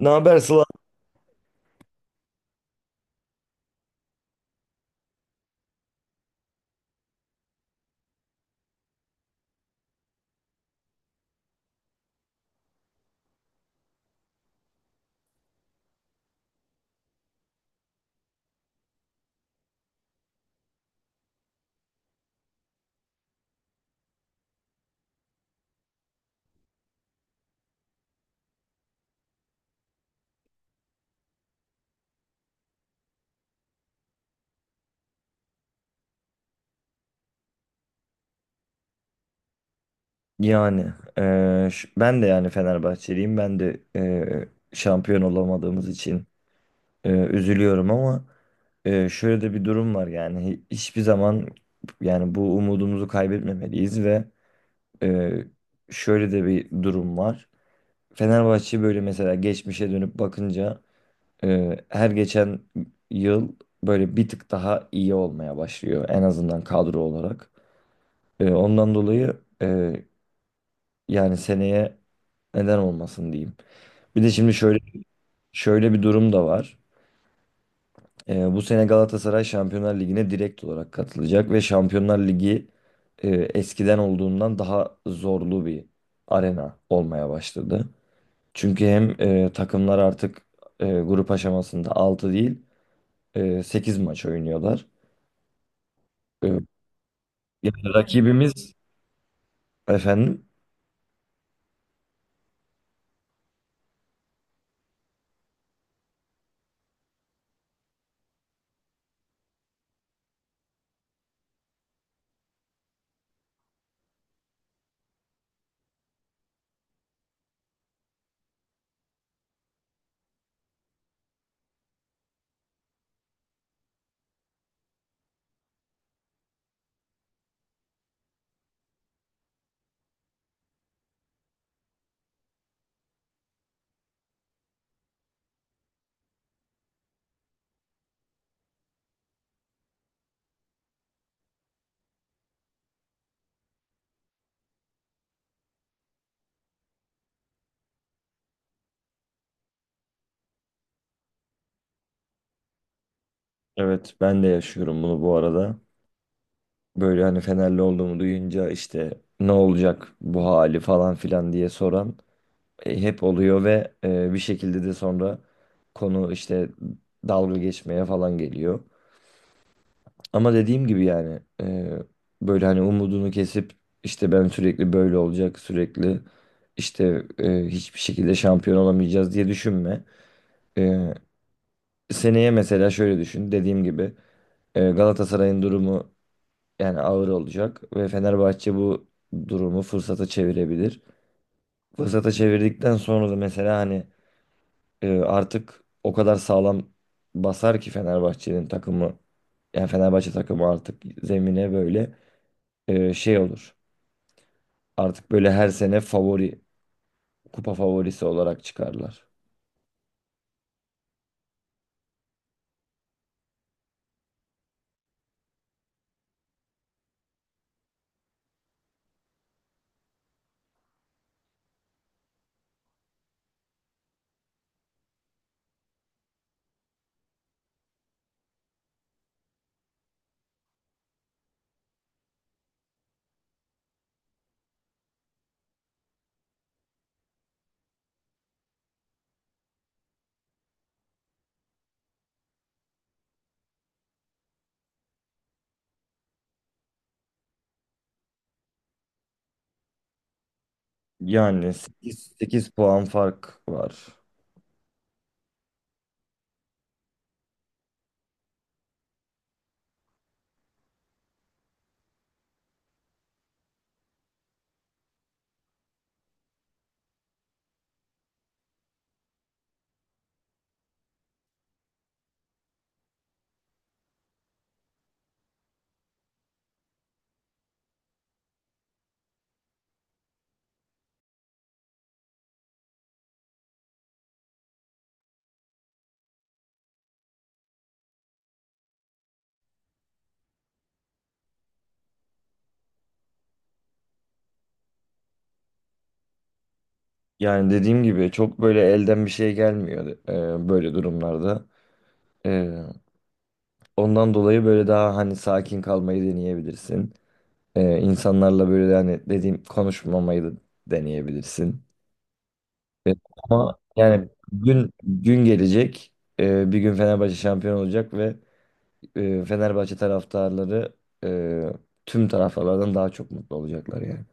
Ne haber Sıla? Yani ben de yani Fenerbahçeliyim. Ben de şampiyon olamadığımız için üzülüyorum ama şöyle de bir durum var yani. Hiçbir zaman, yani bu umudumuzu kaybetmemeliyiz, ve eee, şöyle de bir durum var. Fenerbahçe böyle mesela geçmişe dönüp bakınca her geçen yıl böyle bir tık daha iyi olmaya başlıyor, en azından kadro olarak. Ondan dolayı. Yani seneye neden olmasın diyeyim. Bir de şimdi şöyle bir durum da var. Bu sene Galatasaray Şampiyonlar Ligi'ne direkt olarak katılacak ve Şampiyonlar Ligi eskiden olduğundan daha zorlu bir arena olmaya başladı. Çünkü hem takımlar artık grup aşamasında 6 değil 8 maç oynuyorlar. E, Yani rakibimiz efendim, evet, ben de yaşıyorum bunu bu arada. Böyle hani Fenerli olduğumu duyunca işte ne olacak bu hali falan filan diye soran hep oluyor ve bir şekilde de sonra konu işte dalga geçmeye falan geliyor. Ama dediğim gibi yani böyle hani umudunu kesip işte ben sürekli böyle olacak, sürekli işte hiçbir şekilde şampiyon olamayacağız diye düşünme. E, Seneye mesela şöyle düşün, dediğim gibi Galatasaray'ın durumu yani ağır olacak ve Fenerbahçe bu durumu fırsata çevirebilir. Fırsata çevirdikten sonra da mesela hani artık o kadar sağlam basar ki Fenerbahçe'nin takımı, yani Fenerbahçe takımı artık zemine böyle şey olur. Artık böyle her sene favori, kupa favorisi olarak çıkarlar. Yani sekiz puan fark var. Yani dediğim gibi çok böyle elden bir şey gelmiyor böyle durumlarda. E, Ondan dolayı böyle daha hani sakin kalmayı deneyebilirsin. İnsanlarla böyle hani, dediğim, konuşmamayı da deneyebilirsin. Ee, Ama yani gün gün gelecek. Bir gün Fenerbahçe şampiyon olacak ve Fenerbahçe taraftarları e, tüm taraftarlardan daha çok mutlu olacaklar yani.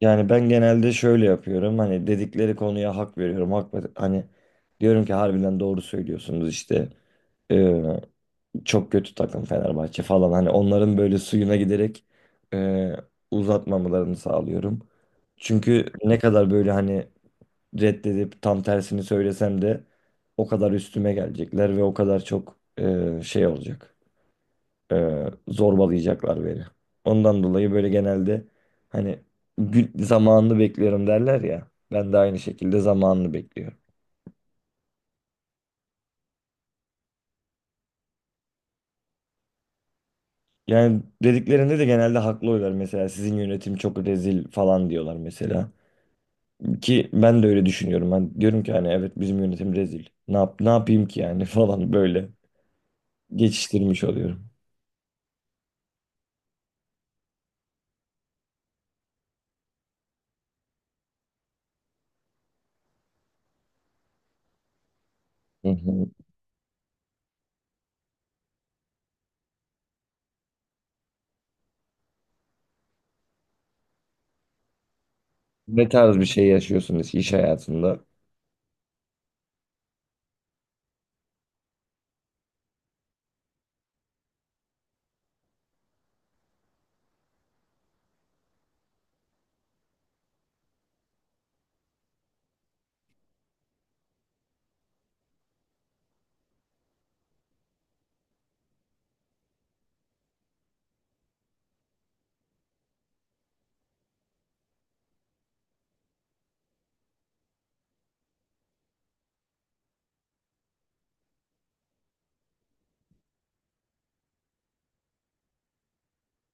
Yani ben genelde şöyle yapıyorum. Hani dedikleri konuya hak veriyorum. Hani diyorum ki harbiden doğru söylüyorsunuz işte, çok kötü takım Fenerbahçe falan. Hani onların böyle suyuna giderek e, uzatmamalarını sağlıyorum. Çünkü ne kadar böyle hani reddedip tam tersini söylesem de o kadar üstüme gelecekler ve o kadar çok şey olacak. Zorbalayacaklar beni. Ondan dolayı böyle genelde hani zamanını bekliyorum derler ya. Ben de aynı şekilde zamanını bekliyorum. Yani dediklerinde de genelde haklı oluyorlar. Mesela sizin yönetim çok rezil falan diyorlar mesela. Ki ben de öyle düşünüyorum. Ben diyorum ki hani evet, bizim yönetim rezil. Ne yapayım ki yani falan, böyle geçiştirmiş oluyorum. Hı hı. Ne tarz bir şey yaşıyorsunuz iş hayatında?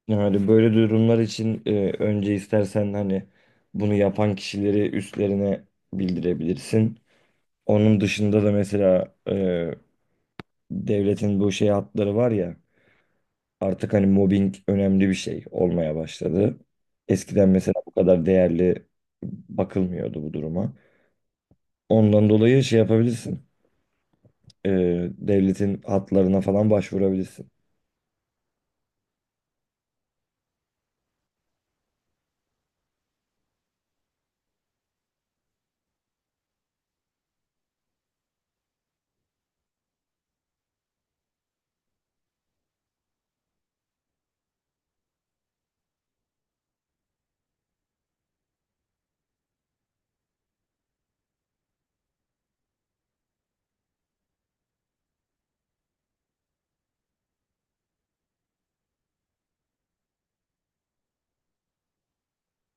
Yani böyle durumlar için önce istersen hani bunu yapan kişileri üstlerine bildirebilirsin. Onun dışında da mesela devletin bu şey hatları var ya, artık hani mobbing önemli bir şey olmaya başladı. Eskiden mesela bu kadar değerli bakılmıyordu bu duruma. Ondan dolayı şey yapabilirsin. Devletin hatlarına falan başvurabilirsin.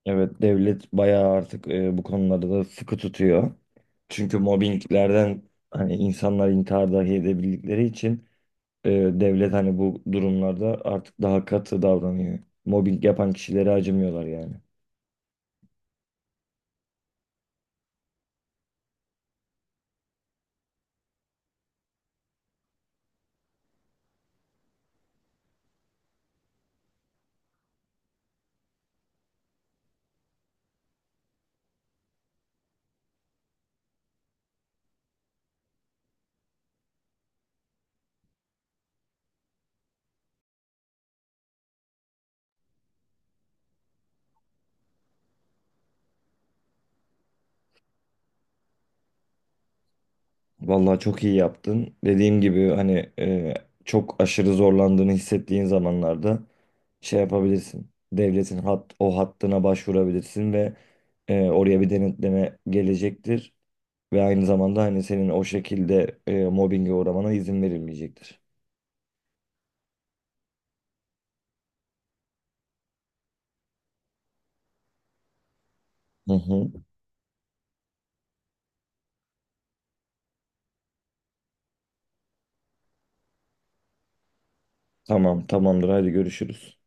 Evet, devlet bayağı artık bu konularda da sıkı tutuyor. Çünkü mobbinglerden hani insanlar intihar dahi edebildikleri için devlet hani bu durumlarda artık daha katı davranıyor. Mobbing yapan kişilere acımıyorlar yani. Vallahi çok iyi yaptın. Dediğim gibi hani çok aşırı zorlandığını hissettiğin zamanlarda şey yapabilirsin. Devletin o hattına başvurabilirsin ve oraya bir denetleme gelecektir. Ve aynı zamanda hani senin o şekilde mobbinge uğramana izin verilmeyecektir. Hı hı. Tamam, tamamdır. Hadi görüşürüz.